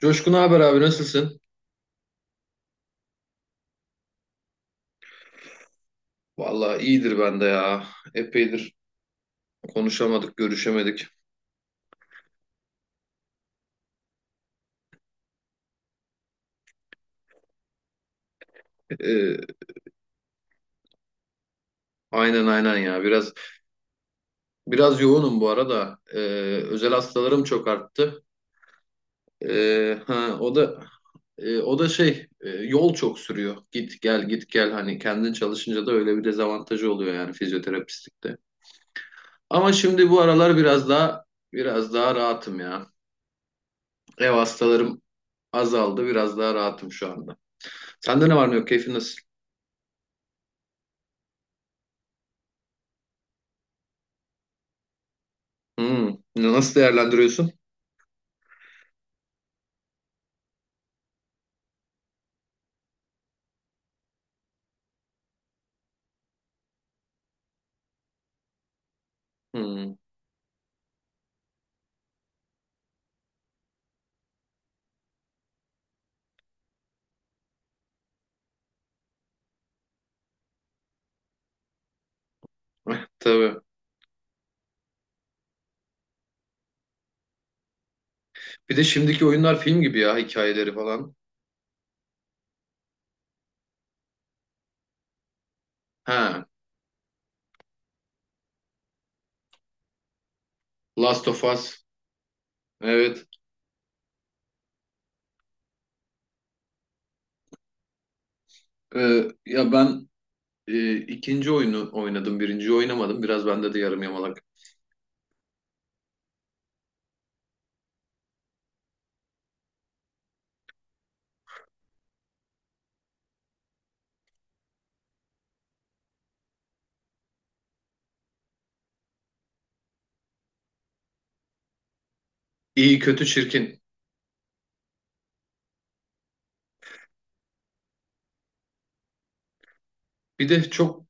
Coşkun haber abi nasılsın? Vallahi iyidir ben de ya. Epeydir konuşamadık, görüşemedik. Ee, aynen aynen ya. Biraz yoğunum bu arada. Özel hastalarım çok arttı. Ee, ha, o da o da şey, yol çok sürüyor. Git gel git gel hani kendin çalışınca da öyle bir dezavantajı oluyor yani fizyoterapistlikte. Ama şimdi bu aralar biraz daha rahatım ya. Ev hastalarım azaldı, biraz daha rahatım şu anda. Sende ne var ne yok? Keyfin nasıl? Hmm, Nasıl değerlendiriyorsun? Hmm. Tabii. Bir de şimdiki oyunlar film gibi ya hikayeleri falan. Ha, Last of Us. Evet. Ya ben ikinci oyunu oynadım, birinciyi oynamadım. Biraz bende de yarım yamalak. İyi, kötü, çirkin. Bir de çok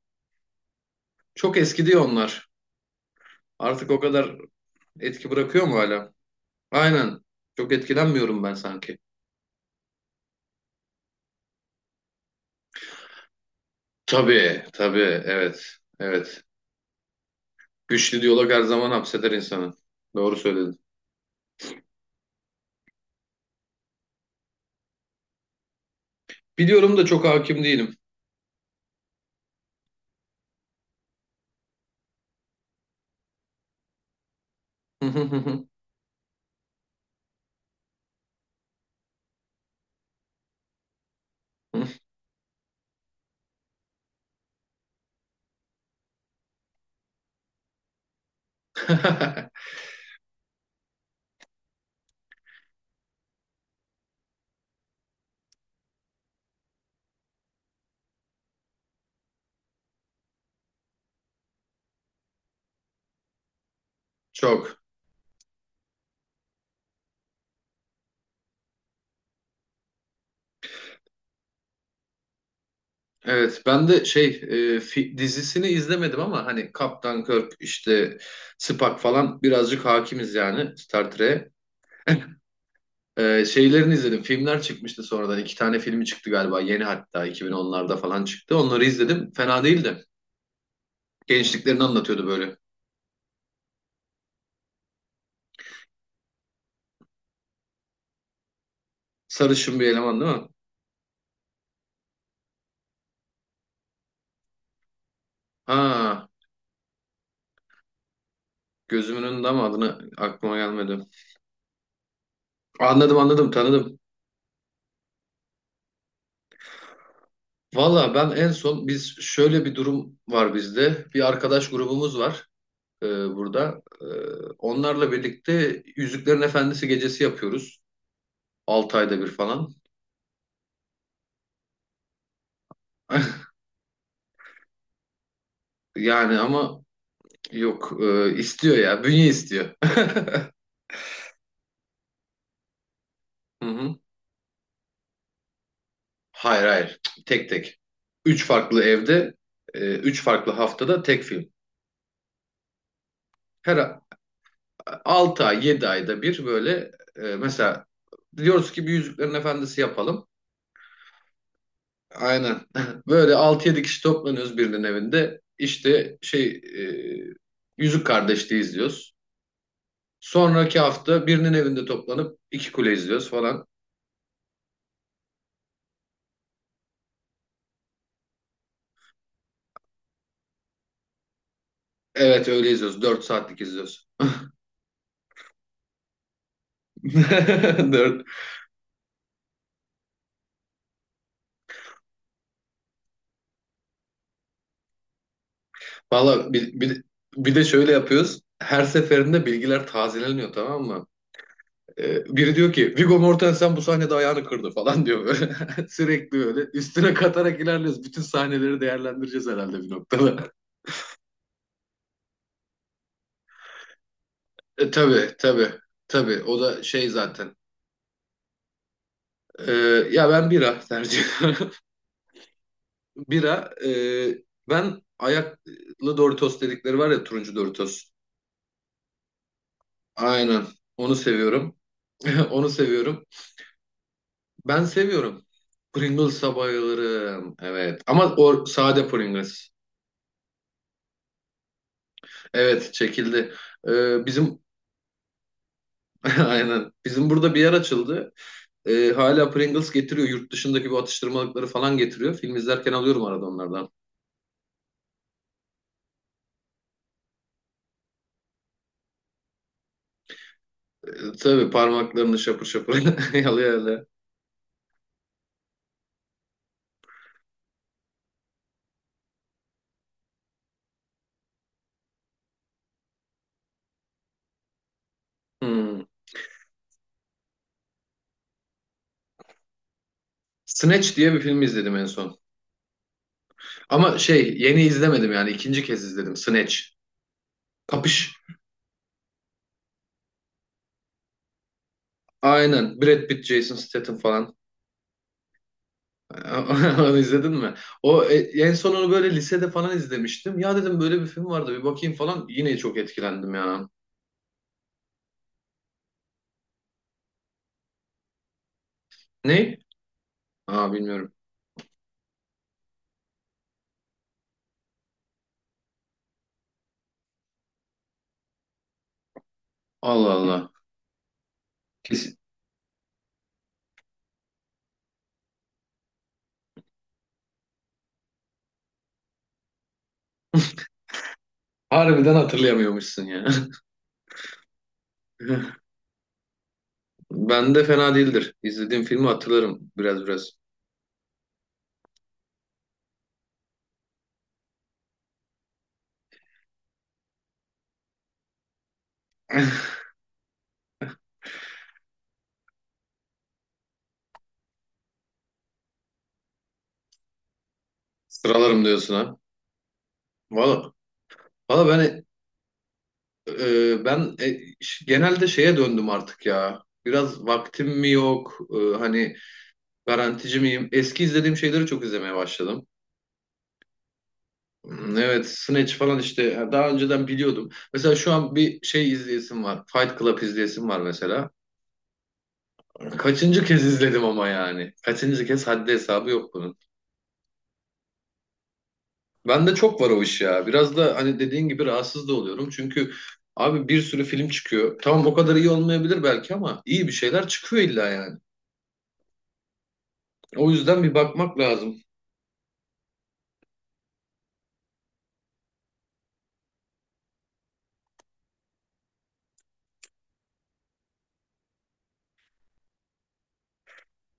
çok eski diyor onlar. Artık o kadar etki bırakıyor mu hala? Aynen. Çok etkilenmiyorum ben sanki. Tabii, tabii. Evet, evet. Güçlü diyalog her zaman hapseder insanı. Doğru söyledin. Biliyorum da çok hakim değilim. Çok. Evet, ben de dizisini izlemedim ama hani Kaptan Kirk işte Spock falan birazcık hakimiz yani Star Trek'e. Şeylerini izledim. Filmler çıkmıştı sonradan. İki tane filmi çıktı galiba. Yeni hatta 2010'larda falan çıktı. Onları izledim. Fena değildi. Gençliklerini anlatıyordu böyle. Sarışın bir eleman değil mi? Ha, gözümün önünde ama adını aklıma gelmedi. Anladım anladım tanıdım. Valla ben en son biz şöyle bir durum var bizde. Bir arkadaş grubumuz var burada. Onlarla birlikte Yüzüklerin Efendisi gecesi yapıyoruz. 6 ayda bir falan. Yani ama yok istiyor ya. Bünye istiyor. Hı hı. Hayır hayır. Tek tek. Üç farklı evde, üç farklı haftada tek film. Her 6 ay, 7 ayda bir böyle mesela diyoruz ki bir Yüzüklerin Efendisi yapalım. Aynen. Böyle altı yedi kişi toplanıyoruz birinin evinde. İşte Yüzük Kardeşliği izliyoruz. Sonraki hafta birinin evinde toplanıp iki kule izliyoruz falan. Evet öyle izliyoruz. 4 saatlik izliyoruz. Dört. Valla bir de şöyle yapıyoruz. Her seferinde bilgiler tazeleniyor tamam mı? Biri diyor ki Viggo Mortensen bu sahnede ayağını kırdı falan diyor böyle. Sürekli böyle üstüne katarak ilerliyoruz. Bütün sahneleri değerlendireceğiz herhalde bir noktada. Tabii tabii tabii o da şey zaten. E, ya ben bira tercih ediyorum. Bira ben ayaklı Doritos dedikleri var ya turuncu Doritos. Aynen onu seviyorum. Onu seviyorum. Ben seviyorum. Pringles'a bayılırım. Evet ama o sade Pringles. Evet çekildi. Bizim aynen bizim burada bir yer açıldı. Hala Pringles getiriyor yurt dışındaki bu atıştırmalıkları falan getiriyor. Film izlerken alıyorum arada onlardan. Tabii parmaklarını şapır şapır yalıyor öyle. Hmm. Snatch diye bir film izledim en son. Ama şey yeni izlemedim yani ikinci kez izledim Snatch. Kapış. Aynen Brad Pitt, Jason Statham falan. Onu izledin mi? O en son onu böyle lisede falan izlemiştim. Ya dedim böyle bir film vardı bir bakayım falan. Yine çok etkilendim ya. Ne? Aa bilmiyorum. Allah Allah. Kesin. Harbiden hatırlayamıyormuşsun ya. Ben de fena değildir. İzlediğim filmi hatırlarım biraz biraz. Sıralarım diyorsun ha. Valla valla ben genelde şeye döndüm artık ya. Biraz vaktim mi yok? Hani garantici miyim? Eski izlediğim şeyleri çok izlemeye başladım. Hmm, evet, Snatch falan işte daha önceden biliyordum. Mesela şu an bir şey izleyesim var. Fight Club izleyesim var mesela. Kaçıncı kez izledim ama yani. Kaçıncı kez haddi hesabı yok. Bende çok var o iş ya. Biraz da hani dediğin gibi rahatsız da oluyorum. Çünkü abi bir sürü film çıkıyor. Tamam o kadar iyi olmayabilir belki ama iyi bir şeyler çıkıyor illa yani. O yüzden bir bakmak lazım.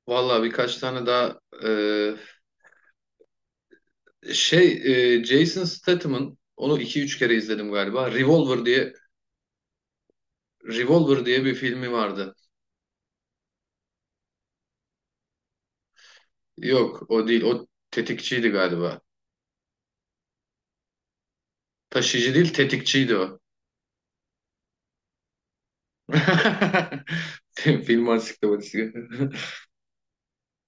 Vallahi birkaç tane daha şey Jason Statham'ın onu iki üç kere izledim galiba. Revolver diye bir filmi vardı. Yok o değil. O tetikçiydi galiba. Taşıyıcı değil tetikçiydi o. Film ansiklopedisi.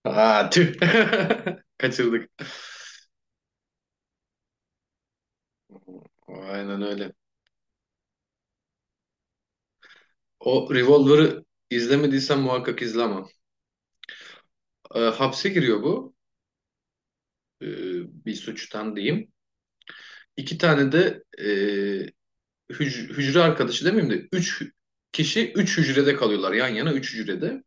Aa tüh. Kaçırdık. Aynen öyle. O Revolver'ı izlemediysen muhakkak izle ama. Hapse giriyor bu. Ee, bir suçtan diyeyim. İki tane de hücre arkadaşı demeyeyim de üç kişi üç hücrede kalıyorlar yan yana üç hücrede.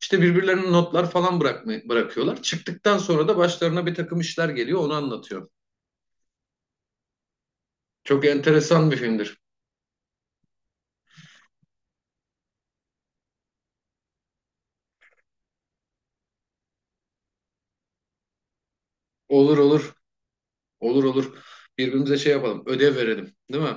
İşte birbirlerine notlar falan bırakıyorlar. Çıktıktan sonra da başlarına bir takım işler geliyor onu anlatıyor. Çok enteresan bir filmdir. Olur olur. Olur olur. Birbirimize şey yapalım. Ödev verelim. Değil mi?